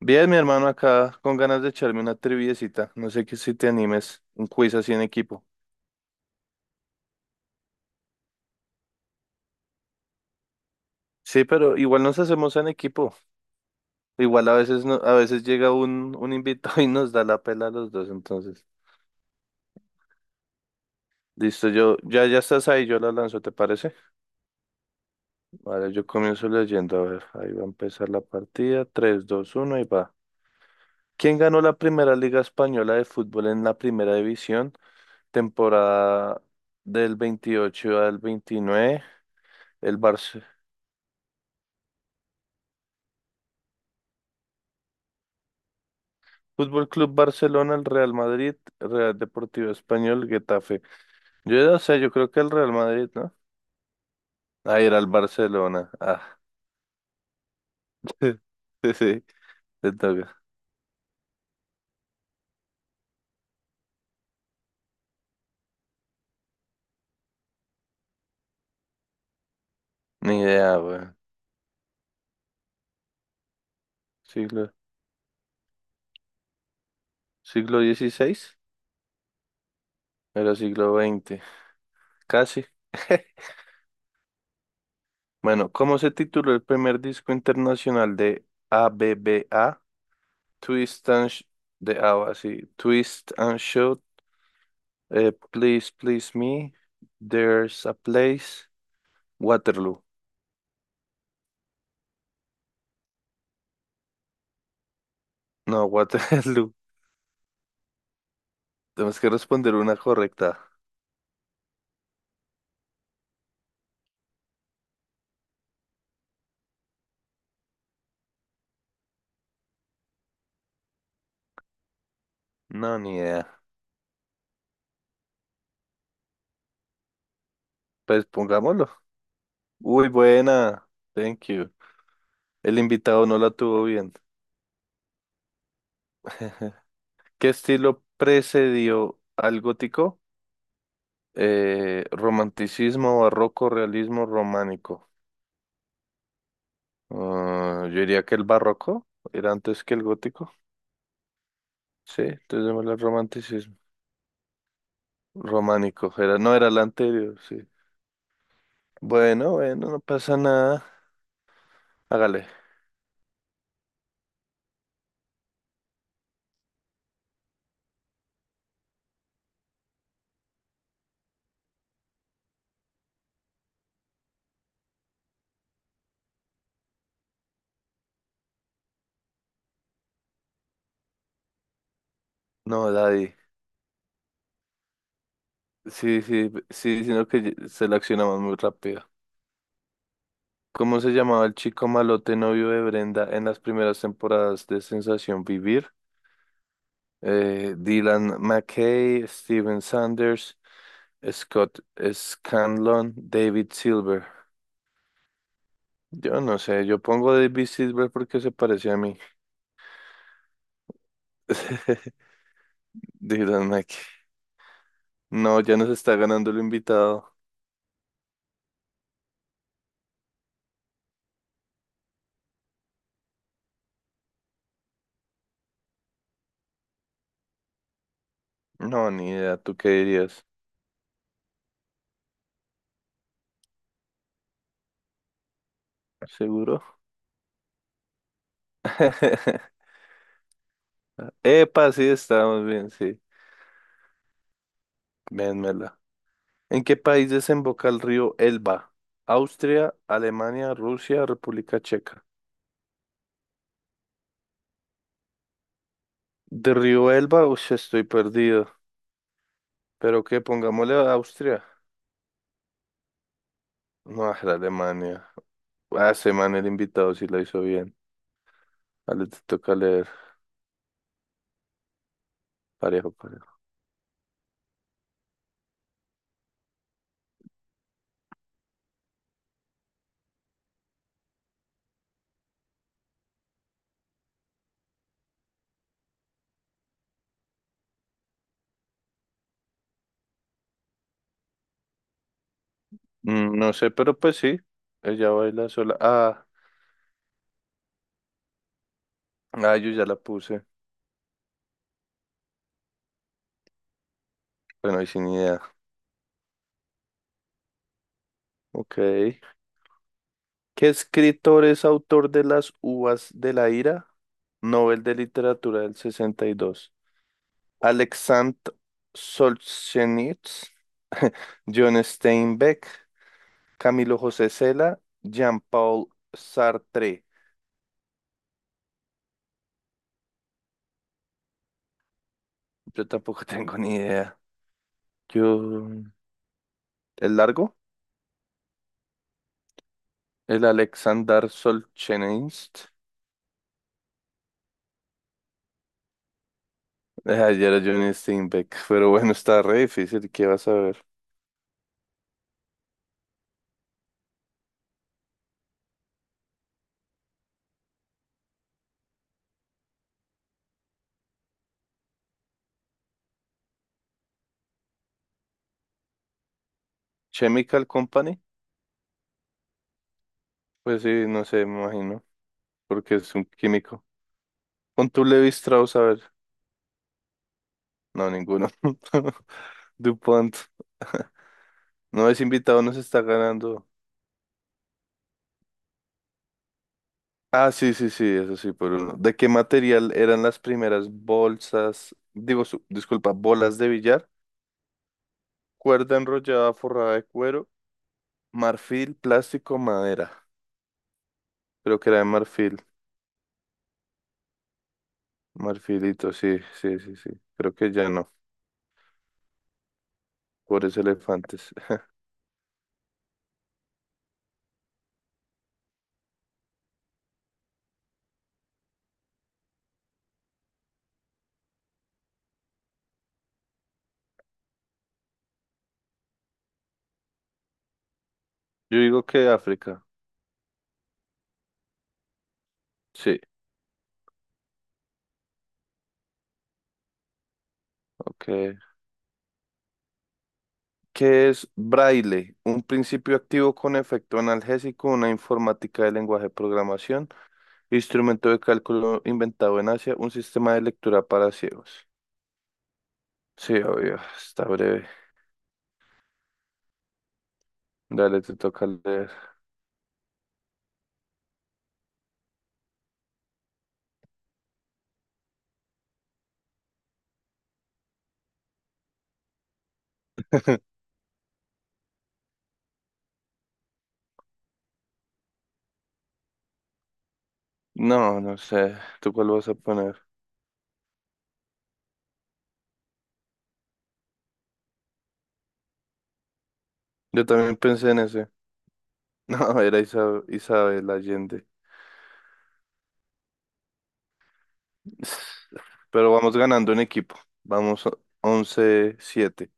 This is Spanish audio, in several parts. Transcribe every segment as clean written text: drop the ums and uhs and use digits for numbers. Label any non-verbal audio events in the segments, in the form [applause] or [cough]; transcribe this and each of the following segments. Bien, mi hermano, acá con ganas de echarme una triviecita. No sé qué si te animes un quiz así en equipo. Sí, pero igual nos hacemos en equipo. Igual a veces no, a veces llega un invitado [laughs] y nos da la pela a los dos, entonces. Listo, yo, ya estás ahí, yo la lanzo, ¿te parece? Vale, yo comienzo leyendo, a ver, ahí va a empezar la partida. Tres, dos, uno y va. ¿Quién ganó la primera Liga Española de Fútbol en la Primera División? Temporada del 28 al 29. El Barça. Fútbol Club Barcelona, el Real Madrid, Real Deportivo Español, Getafe. Yo ya sé, yo creo que el Real Madrid, ¿no? Ah, era el Barcelona. Ah, [laughs] sí, sí, te toca. Ni idea, weón. Siglo, siglo dieciséis, era siglo veinte, casi. [laughs] Bueno, ¿cómo se tituló el primer disco internacional de A B B A? Twist and Sh- de A, sí. Twist and Shout, Please Please Me, There's a Place, Waterloo. No, Waterloo. [laughs] Tenemos que responder una correcta. No, ni idea. Pues pongámoslo. Uy, buena. Thank you. El invitado no la tuvo bien. [laughs] ¿Qué estilo precedió al gótico? Romanticismo, barroco, realismo, románico. Ah, yo diría que el barroco era antes que el gótico. Sí, entonces démosle al romanticismo. Románico, era, no era el anterior, sí. Bueno, bueno, no pasa nada. Hágale. No, Daddy. Sí, sí, sí, sino que ye- seleccionamos muy rápido. ¿Cómo se llamaba el chico malote novio de Brenda en las primeras temporadas de Sensación Vivir? Dylan McKay, Steven Sanders, Scott Scanlon, David Silver. Yo no sé, yo pongo David Silver porque se parece a mí. [laughs] Dylan McKay. No, ya nos está ganando el invitado. No, ni idea, ¿tú qué dirías? ¿Seguro? [laughs] Epa, sí, estamos bien, sí. Vénmela. ¿En qué país desemboca el río Elba? Austria, Alemania, Rusia, República Checa. De río Elba, uy, estoy perdido. Pero que pongámosle a Austria. No, era Alemania. Ah, ese man, el invitado, sí lo hizo bien. Ah, le toca leer. Parejo, parejo. Mm, no sé, pero pues sí. Ella baila sola. Ah, ah, yo ya la puse. Bueno, ahí sin idea. Ok. ¿Qué escritor es autor de Las Uvas de la Ira? Nobel de Literatura del 62. Alexandre Solzhenitsyn, [laughs] John Steinbeck, Camilo José Cela, Jean-Paul Sartre. Yo tampoco [laughs] tengo ni idea. Yo, ¿el largo? El Alexander Solzhenitsyn. Ah, ya era John Steinbeck, pero bueno, está re difícil. ¿Qué vas a ver? Chemical Company. Pues sí, no sé, me imagino, porque es un químico. Con tu Levi Strauss, a ver. No, ninguno. [laughs] DuPont. [laughs] No es invitado, no se está ganando. Ah, sí, sí, sí, eso sí, por uno. ¿De qué material eran las primeras bolsas? Digo, su- disculpa, bolas de billar. Cuerda enrollada forrada de cuero, marfil, plástico, madera. Creo que era de marfil, marfilito, sí, sí, sí, sí. Creo que ya no, pobres elefantes. [laughs] Yo digo que África. Sí, ok. ¿Qué es braille? Un principio activo con efecto analgésico, una informática de lenguaje de programación. Instrumento de cálculo inventado en Asia, un sistema de lectura para ciegos. Sí, obvio, está breve. Dale, te toca leer. [laughs] No, no sé. ¿Tú cuál vas a poner? Yo también pensé en ese. [laughs] No, era Isa- Isabel Allende. [sighs] Pero vamos ganando en equipo. Vamos o- 11-7.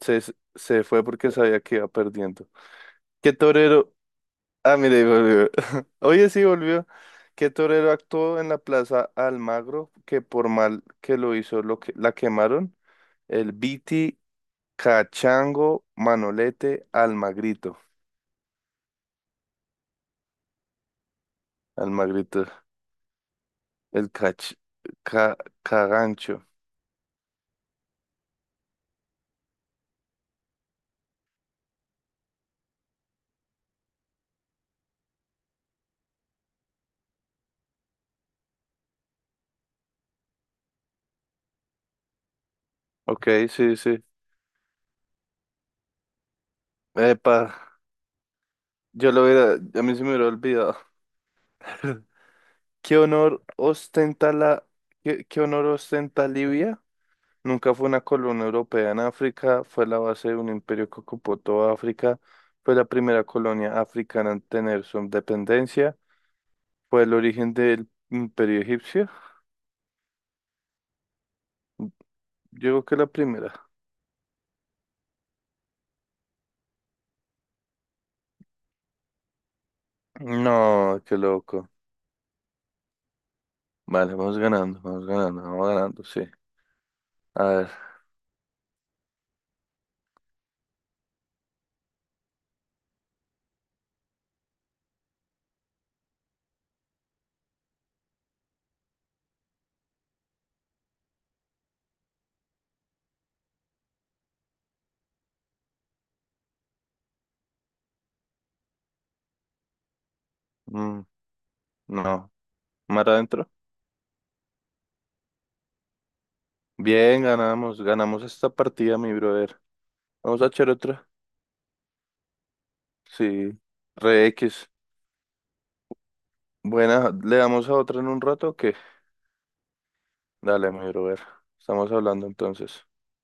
Se, se fue porque sabía que iba perdiendo. ¿Qué torero Ah, mire, y volvió. [laughs] Oye, sí, volvió. Que torero actuó en la Plaza Almagro, que por mal que lo hizo, lo que, la quemaron. El Biti, Cachango, Manolete, Almagrito. Almagrito. El cach, ca, Cagancho. Ok, sí, sí. Epa, yo lo hubiera, a mí se me hubiera olvidado. [laughs] ¿Qué honor ostenta la, ¿Qué honor ostenta Libia? Nunca fue una colonia europea en África, fue la base de un imperio que ocupó toda África, fue la primera colonia africana en tener su independencia, fue el origen del imperio egipcio. Yo creo que la primera. No, qué loco. Vale, vamos ganando, vamos ganando, vamos ganando, sí. A ver, mm, no, mar adentro. Bien, ganamos, ganamos esta partida, mi brother. Vamos a echar otra. Sí, re X. Buena, ¿le damos a otra en un rato o qué? Dale, mi brother. Estamos hablando entonces.